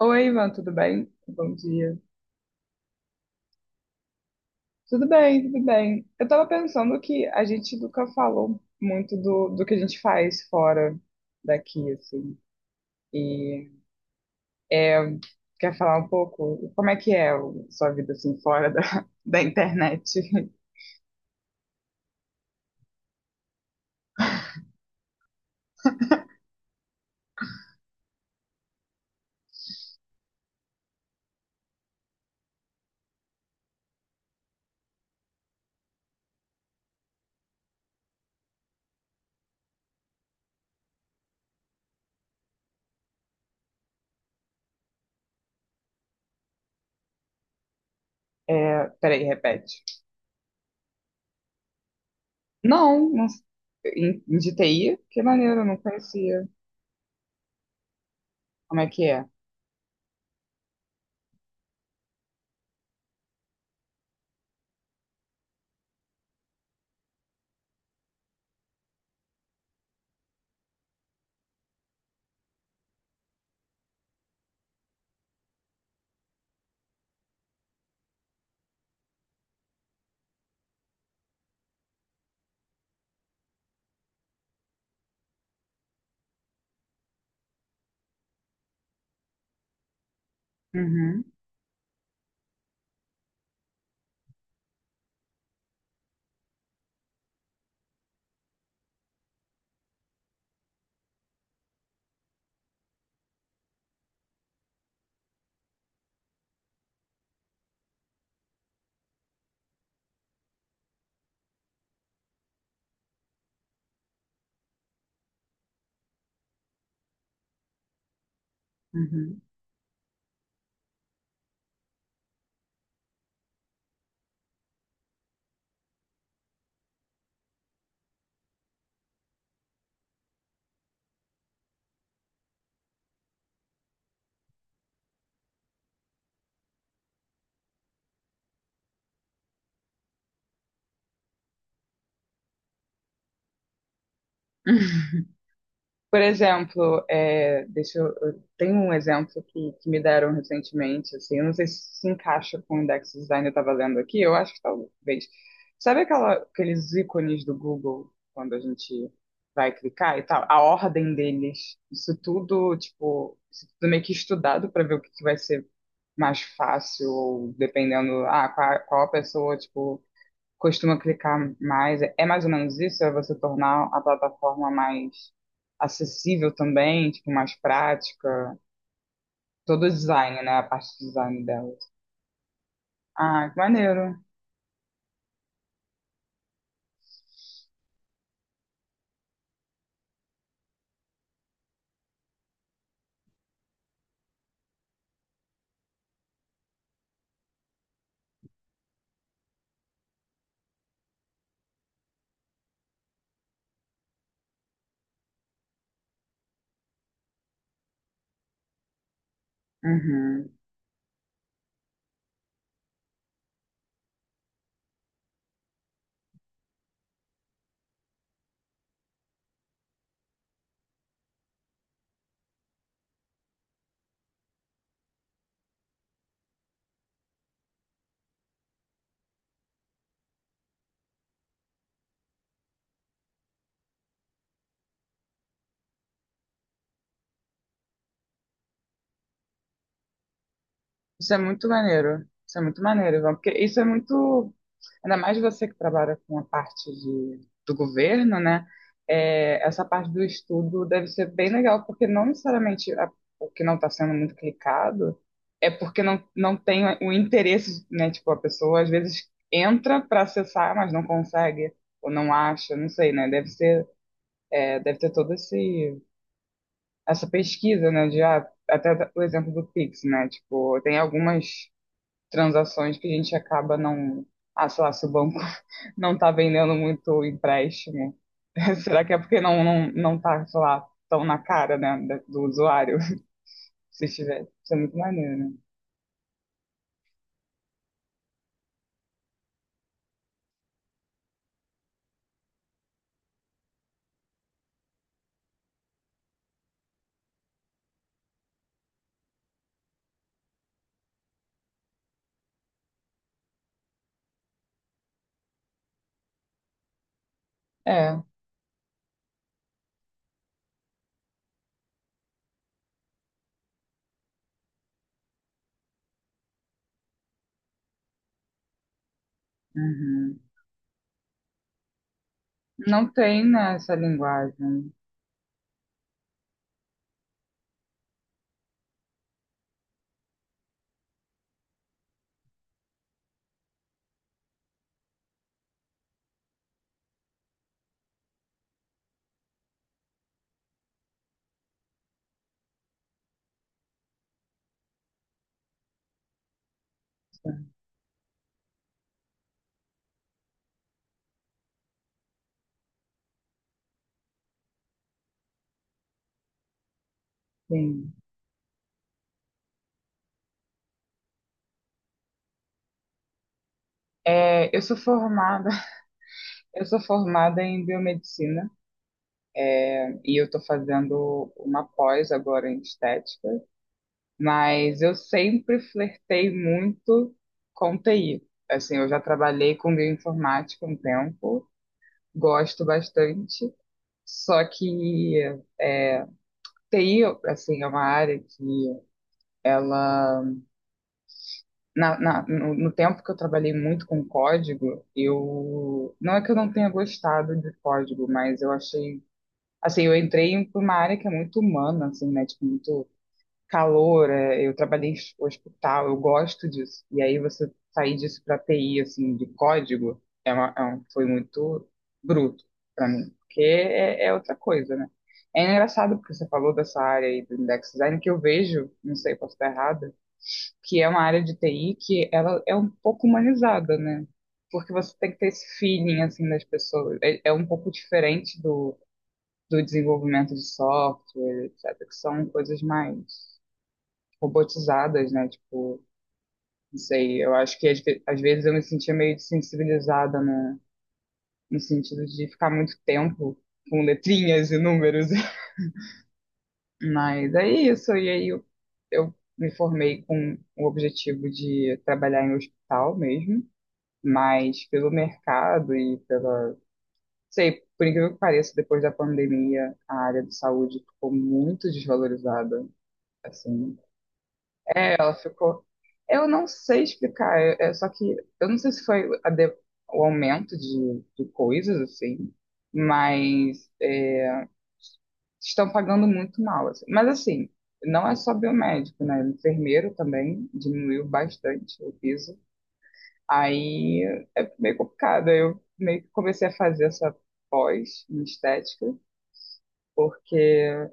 Oi, Ivan, tudo bem? Bom dia. Tudo bem. Eu tava pensando que a gente nunca falou muito do que a gente faz fora daqui, assim. E é, quer falar um pouco como é que é a sua vida, assim, fora da, da internet? É, peraí, repete. Não, não em de TI? Que maneiro, eu não conhecia. Como é que é? Uhum, uhum. Por exemplo, é, deixa eu tenho um exemplo que me deram recentemente, assim, eu não sei se se encaixa com o index design que eu estava lendo aqui, eu acho que talvez. Sabe aquela, aqueles ícones do Google, quando a gente vai clicar e tal? A ordem deles, isso tudo, tipo, isso tudo meio que estudado para ver o que vai ser mais fácil, ou dependendo, ah, qual a pessoa, tipo, costuma clicar mais. É mais ou menos isso? É você tornar a plataforma mais acessível também, tipo, mais prática. Todo o design, né? A parte de design delas. Ah, que maneiro. Uhum. Isso é muito maneiro. Isso é muito maneiro, Ivan, porque isso é muito. Ainda mais você que trabalha com a parte de, do governo, né? É, essa parte do estudo deve ser bem legal, porque não necessariamente a- o que não está sendo muito clicado é porque não tem o interesse, né? Tipo, a pessoa às vezes entra para acessar, mas não consegue, ou não acha, não sei, né? Deve ser, é, deve ter todo esse, essa pesquisa, né? De, ah, até o exemplo do Pix, né? Tipo, tem algumas transações que a gente acaba não. Ah, sei lá, se o banco não tá vendendo muito empréstimo, será que é porque não tá, sei lá, tão na cara, né, da- do usuário? Se tiver, isso é muito maneiro, né? É. Uhum. Não tem, né, essa linguagem. Sim. É, eu sou formada, eu sou formada em biomedicina e eu tô fazendo uma pós agora em estética. Mas eu sempre flertei muito com TI. Assim, eu já trabalhei com bioinformática um tempo, gosto bastante. Só que é, TI, assim, é uma área que ela... no tempo que eu trabalhei muito com código, eu... Não é que eu não tenha gostado de código, mas eu achei... Assim, eu entrei em uma área que é muito humana, assim, né? Tipo, muito calor, é, eu trabalhei em hospital, eu gosto disso. E aí você sair disso para TI, assim, de código, é uma, é um- foi muito bruto para mim, porque é, é outra coisa, né? É engraçado porque você falou dessa área aí do index design que eu vejo, não sei, posso estar errada, que é uma área de TI que ela é um pouco humanizada, né? Porque você tem que ter esse feeling, assim, das pessoas. É, é um pouco diferente do, do desenvolvimento de software, etc., que são coisas mais robotizadas, né? Tipo, não sei, eu acho que às vezes eu me sentia meio desensibilizada no, no sentido de ficar muito tempo com letrinhas e números. Mas é isso, e aí eu me formei com o objetivo de trabalhar em hospital mesmo, mas pelo mercado e pela. Sei, por incrível que pareça, depois da pandemia, a área de saúde ficou muito desvalorizada. Assim, é, ela ficou. Eu não sei explicar, é, só que eu não sei se foi a de- o aumento de coisas, assim, mas é, estão pagando muito mal, assim. Mas, assim, não é só biomédico, né? Enfermeiro também diminuiu bastante o piso. Aí é meio complicado. Eu meio que comecei a fazer essa pós em estética, porque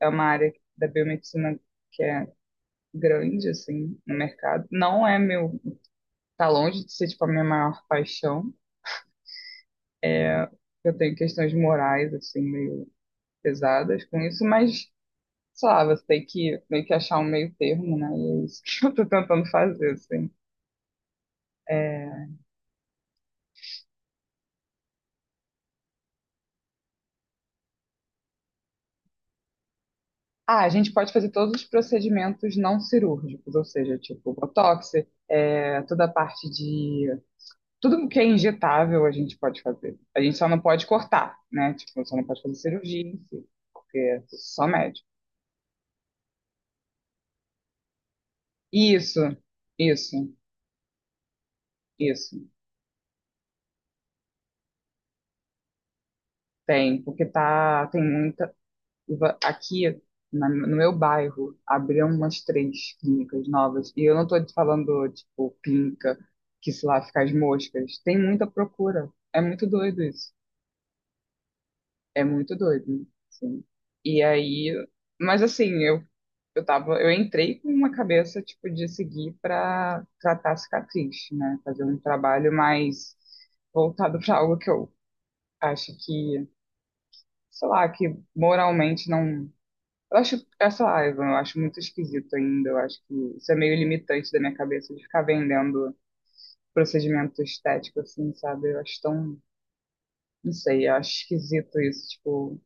é uma área da biomedicina que é grande, assim, no mercado. Não é meu. Tá longe de ser, tipo, a minha maior paixão. Eu tenho questões morais, assim, meio pesadas com isso, mas, sei lá, você tem que meio que achar um meio termo, né? E é isso que eu tô tentando fazer, assim. Ah, a gente pode fazer todos os procedimentos não cirúrgicos, ou seja, tipo, botox, é, toda a parte de... Tudo que é injetável a gente pode fazer. A gente só não pode cortar, né? Tipo, só não pode fazer cirurgia em si, porque é só médico. Isso, isso, isso. Tem, porque tá, tem muita. Aqui no meu bairro abriram umas três clínicas novas. E eu não tô te falando, tipo, clínica que, sei lá, fica as moscas. Tem muita procura. É muito doido isso. É muito doido, sim. E aí. Mas assim, eu tava. Eu entrei com uma cabeça, tipo, de seguir pra tratar cicatriz, né? Fazer um trabalho mais voltado pra algo que eu acho que, sei lá, que moralmente não. Eu acho, essa live eu acho muito esquisito ainda. Eu acho que isso é meio limitante da minha cabeça de ficar vendendo procedimento estético, assim, sabe? Eu acho tão, não sei, eu acho esquisito isso, tipo,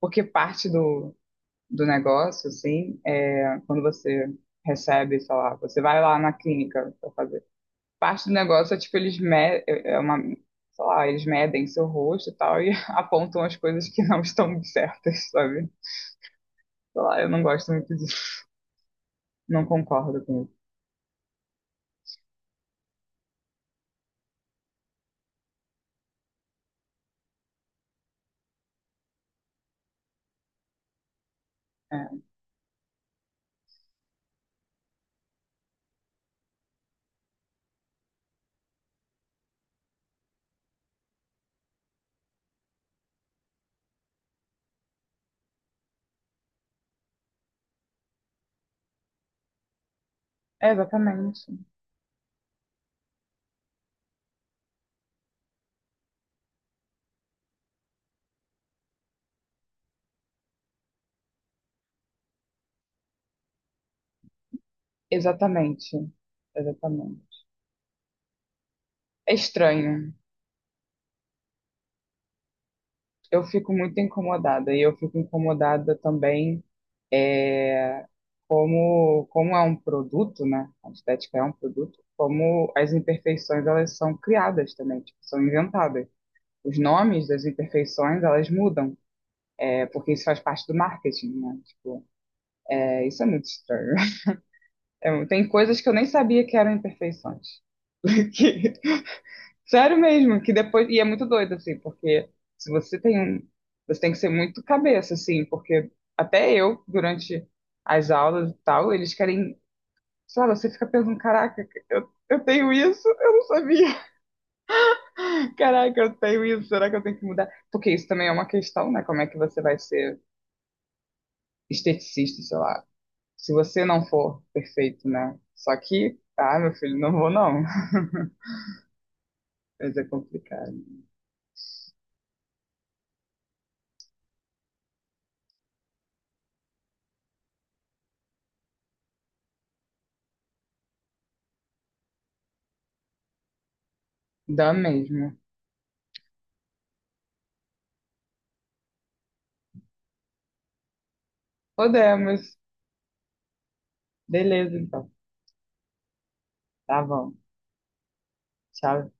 porque parte do negócio, assim, é quando você recebe, sei lá, você vai lá na clínica pra fazer. Parte do negócio é, tipo, eles me, é uma, sei lá, eles medem seu rosto e tal e apontam as coisas que não estão certas, sabe? Sei lá, eu não gosto muito disso. Não concordo com isso. É. É, exatamente. Exatamente. Exatamente. É estranho. Eu fico muito incomodada e eu fico incomodada também é, como é um produto, né? A estética é um produto, como as imperfeições elas são criadas também, tipo, são inventadas. Os nomes das imperfeições elas mudam, é, porque isso faz parte do marketing, né? Tipo, é, isso é muito estranho. É, tem coisas que eu nem sabia que eram imperfeições. Sério mesmo, que depois. E é muito doido, assim, porque se você tem um. Você tem que ser muito cabeça, assim, porque até eu, durante as aulas e tal, eles querem. Sei lá, você fica pensando, caraca, eu tenho isso, eu não sabia. Caraca, eu tenho isso, será que eu tenho que mudar? Porque isso também é uma questão, né? Como é que você vai ser esteticista, sei lá. Se você não for perfeito, né? Só que, ah, meu filho, não vou não. Mas é complicado. Dá mesmo. Podemos. Beleza, então. Tá bom. Sabe?